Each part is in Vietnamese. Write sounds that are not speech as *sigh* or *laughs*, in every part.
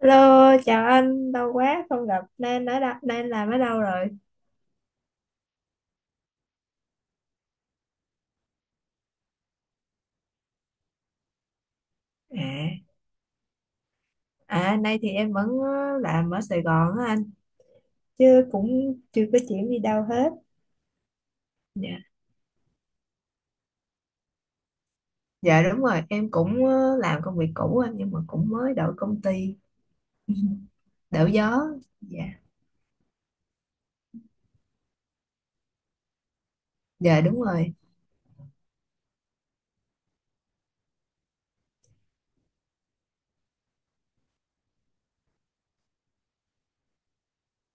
Hello, chào anh, lâu quá không gặp, nên ở đâu, nên làm ở đâu rồi? À, nay thì em vẫn làm ở Sài Gòn á anh, chứ cũng chưa có chuyển đi đâu hết. Dạ, dạ, đúng rồi, em cũng làm công việc cũ anh, nhưng mà cũng mới đổi công ty, *laughs* đổi gió. Dạ, dạ, đúng rồi.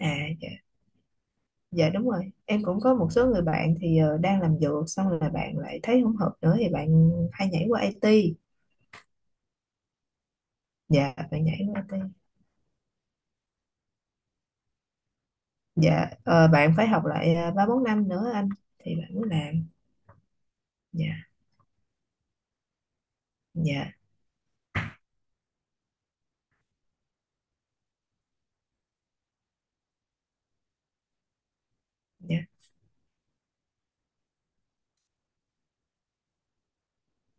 À, dạ, dạ đúng rồi. Em cũng có một số người bạn thì đang làm dược, xong rồi bạn lại thấy không hợp nữa thì bạn hay nhảy qua IT. Dạ, bạn nhảy qua IT. Dạ bạn phải học lại ba bốn năm nữa anh, thì bạn mới làm. dạ dạ dạ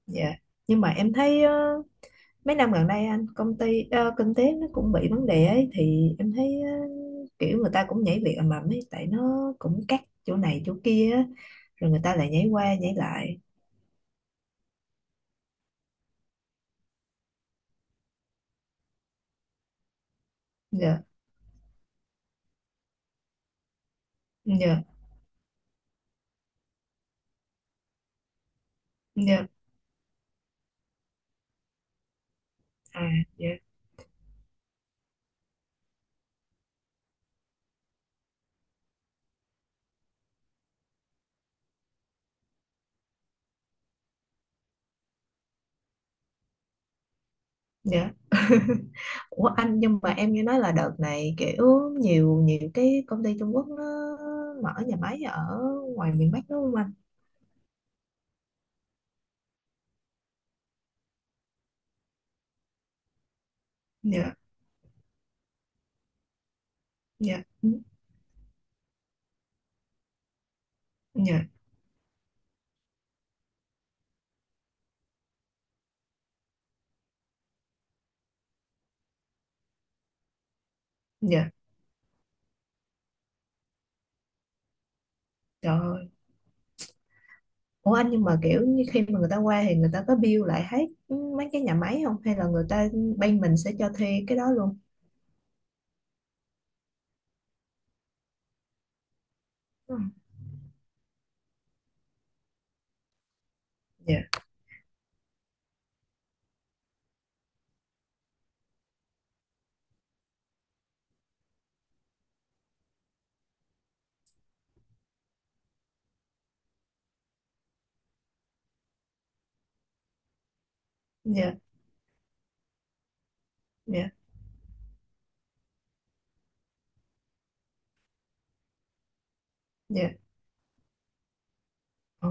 dạ Nhưng mà em thấy mấy năm gần đây anh, công ty kinh tế nó cũng bị vấn đề ấy, thì em thấy kiểu người ta cũng nhảy việc ầm ầm ấy, tại nó cũng cắt chỗ này chỗ kia á, rồi người ta lại nhảy qua nhảy lại. Dạ dạ dạ à dạ Dạ. *laughs* Ủa anh, nhưng mà em nghe nói là đợt này kiểu nhiều nhiều cái công ty Trung Quốc nó mở nhà máy ở ngoài miền Bắc đúng không anh? Dạ, dạ, ừ, dạ, dạ. Trời ơi. Ủa anh, nhưng mà kiểu như khi mà người ta qua thì người ta có bill lại hết mấy cái nhà máy không? Hay là người ta bên mình sẽ cho thuê cái đó luôn? Ừ. Dạ, dạ, dạ, dạ. Ờ,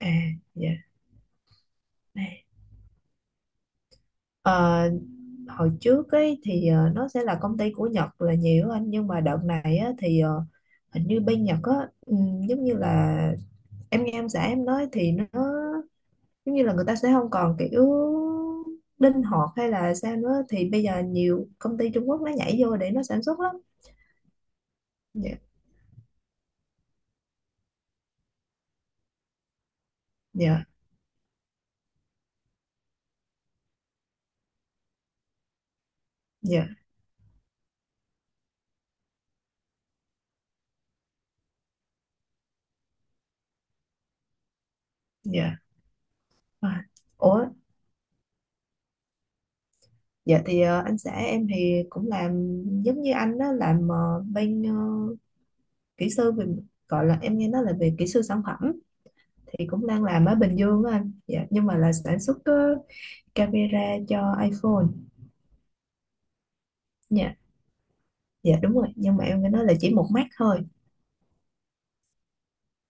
à, dạ. à. Ờ, hồi trước ấy thì nó sẽ là công ty của Nhật là nhiều anh, nhưng mà đợt này á, thì hình như bên Nhật á giống như là em nghe em xã em nói thì nó giống như là người ta sẽ không còn kiểu linh hoạt hay là sao nữa, thì bây giờ nhiều công ty Trung Quốc nó nhảy vô để nó sản xuất lắm. Dạ dạ dạ dạ À, ủa, dạ thì anh xã em thì cũng làm giống như anh đó, làm bên kỹ sư về, gọi là em nghe nói là về kỹ sư sản phẩm, thì cũng đang làm ở Bình Dương á anh. Dạ, nhưng mà là sản xuất camera cho iPhone. Dạ, dạ đúng rồi, nhưng mà em nghe nói là chỉ một mắt thôi.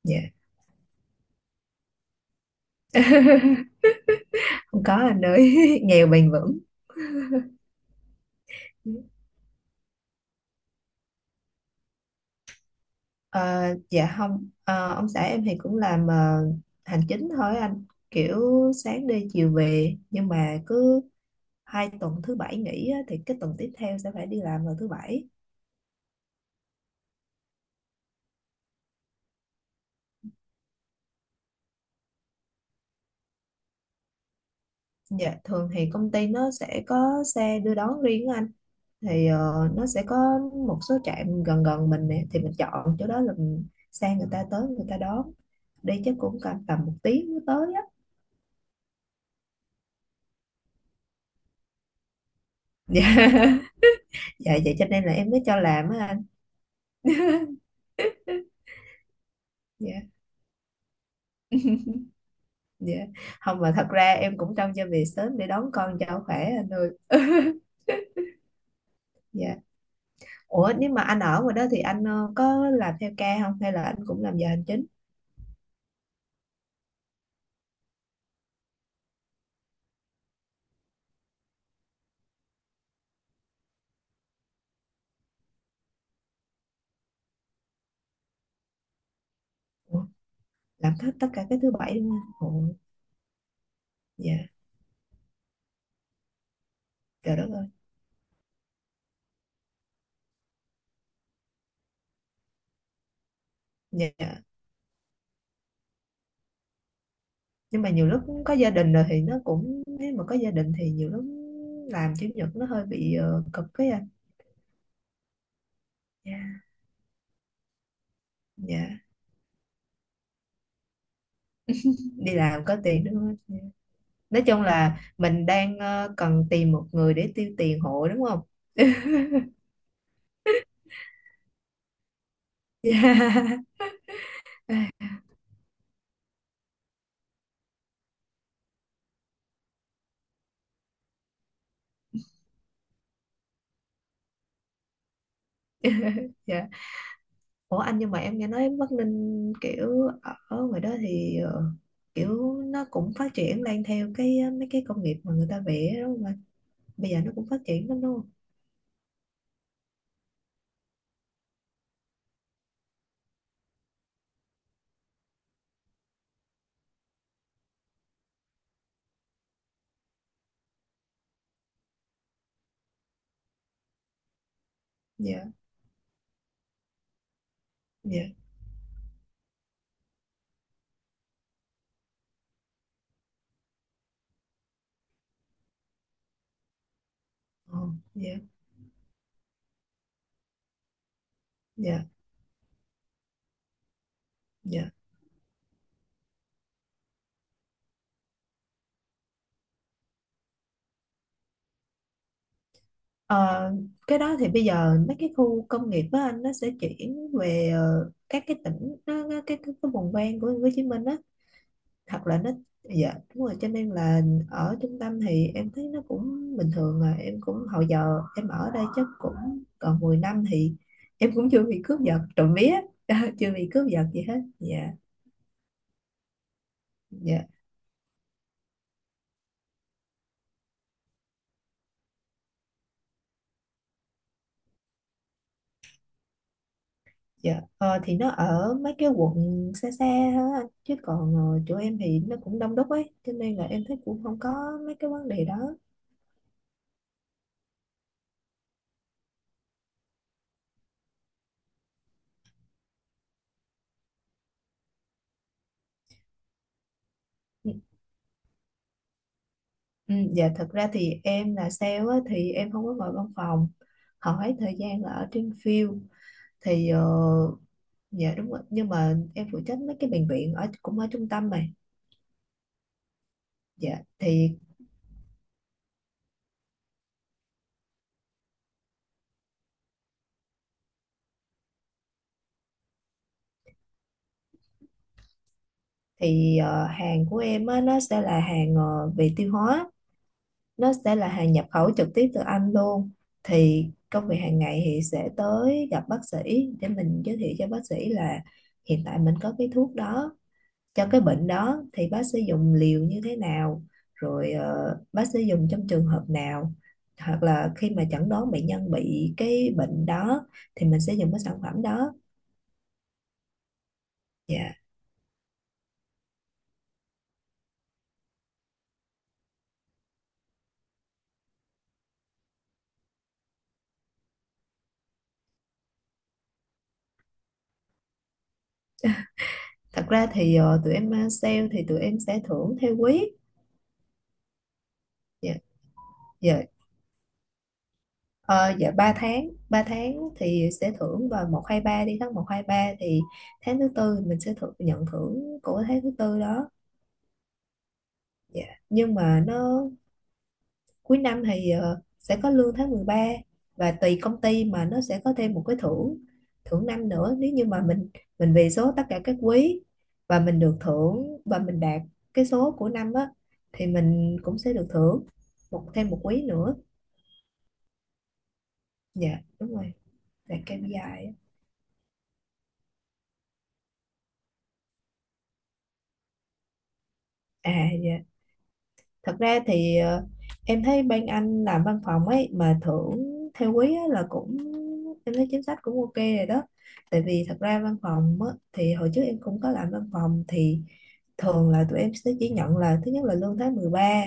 Dạ. *laughs* Không có anh ơi, *laughs* nghèo bền vững. Ờ, dạ không. Ờ, ông xã em thì cũng làm hành chính thôi anh, kiểu sáng đi chiều về, nhưng mà cứ hai tuần thứ bảy nghỉ á, thì cái tuần tiếp theo sẽ phải đi làm vào thứ bảy. Dạ, thường thì công ty nó sẽ có xe đưa đón riêng á anh, thì nó sẽ có một số trạm gần gần mình nè, thì mình chọn chỗ đó là mình sang người ta, tới người ta đón. Đi chắc cũng cần tầm một tiếng mới tới á. *laughs* Dạ, dạ vậy cho nên là em mới cho làm á anh. Dạ dạ không, mà thật ra em cũng trông cho về sớm để đón con cho khỏe anh ơi. *laughs* Dạ. Ủa, nếu mà anh ở ngoài đó thì anh có làm theo ca không, hay là anh cũng làm giờ hành chính? Ủa, làm hết tất cả cái thứ bảy đúng không ủa? Dạ. Trời đất ơi. Dạ. Nhưng mà nhiều lúc có gia đình rồi thì nó cũng, nếu mà có gia đình thì nhiều lúc làm chủ nhật nó hơi bị cực với anh. Dạ. Dạ đi làm có tiền đúng không? Dạ. Nói chung là mình đang cần tìm một người để tiêu tiền hộ đúng không? Dạ. *laughs* Dạ, ủa anh, nhưng mà em nghe nói Bắc Ninh kiểu ở ngoài đó thì kiểu nó cũng phát triển lên theo cái mấy cái công nghiệp mà người ta vẽ đúng không anh? Bây giờ nó cũng phát triển lắm đúng không? Dạ dạ Ồ, dạ dạ dạ Ờ, cái đó thì bây giờ mấy cái khu công nghiệp á anh, nó sẽ chuyển về các cái tỉnh nó, cái vùng ven của Hồ Chí Minh á. Thật là nó, dạ đúng rồi, cho nên là ở trung tâm thì em thấy nó cũng bình thường à. Em cũng hồi giờ em ở đây chắc cũng còn 10 năm thì em cũng chưa bị cướp giật, trộm vía. *laughs* Chưa bị cướp giật gì hết. Dạ dạ Dạ, ờ, thì nó ở mấy cái quận xa xa thôi anh, chứ còn chỗ em thì nó cũng đông đúc ấy, cho nên là em thấy cũng không có mấy cái vấn đề đó. ừ, ừ, dạ thật ra thì em là sale á, thì em không có ngồi văn phòng, hỏi thời gian là ở trên field. Thì dạ đúng rồi, nhưng mà em phụ trách mấy cái bệnh viện ở cũng ở trung tâm mà. Dạ, thì thì hàng của em á, nó sẽ là hàng về tiêu hóa. Nó sẽ là hàng nhập khẩu trực tiếp từ Anh luôn. Thì công việc hàng ngày thì sẽ tới gặp bác sĩ để mình giới thiệu cho bác sĩ là hiện tại mình có cái thuốc đó cho cái bệnh đó, thì bác sẽ dùng liều như thế nào, rồi bác sẽ dùng trong trường hợp nào, hoặc là khi mà chẩn đoán bệnh nhân bị cái bệnh đó thì mình sẽ dùng cái sản phẩm đó. Dạ thật ra thì tụi em sale thì tụi em sẽ thưởng theo quý. Dạ dạ Ờ, dạ 3 tháng, 3 tháng thì sẽ thưởng vào một 2 ba, đi tháng một 2 3 thì tháng thứ tư mình sẽ thưởng, nhận thưởng của tháng thứ tư đó. Dạ. Nhưng mà nó cuối năm thì sẽ có lương tháng mười ba, và tùy công ty mà nó sẽ có thêm một cái thưởng, thưởng năm nữa. Nếu như mà mình về số tất cả các quý và mình được thưởng và mình đạt cái số của năm á, thì mình cũng sẽ được thưởng một, thêm một quý nữa. Dạ đúng rồi, đạt KPI á. À dạ. Thật ra thì em thấy bên anh làm văn phòng ấy mà thưởng theo quý á, là cũng em thấy chính sách cũng ok rồi đó. Tại vì thật ra văn phòng á, thì hồi trước em cũng có làm văn phòng, thì thường là tụi em sẽ chỉ nhận là thứ nhất là lương tháng mười ba,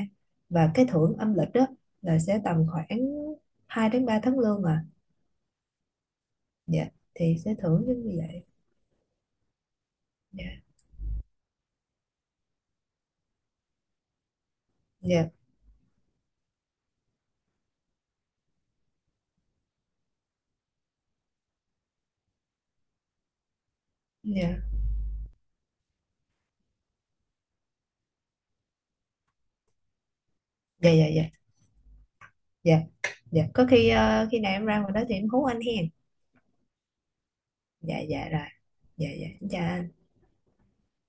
và cái thưởng âm lịch đó là sẽ tầm khoảng 2 đến 3 tháng lương à. Dạ thì sẽ thưởng giống như vậy. Dạ dạ dạ dạ dạ dạ dạ dạ Có khi khi nào em ra ngoài đó thì em hú anh hen. Dạ dạ rồi. Dạ dạ em chào anh.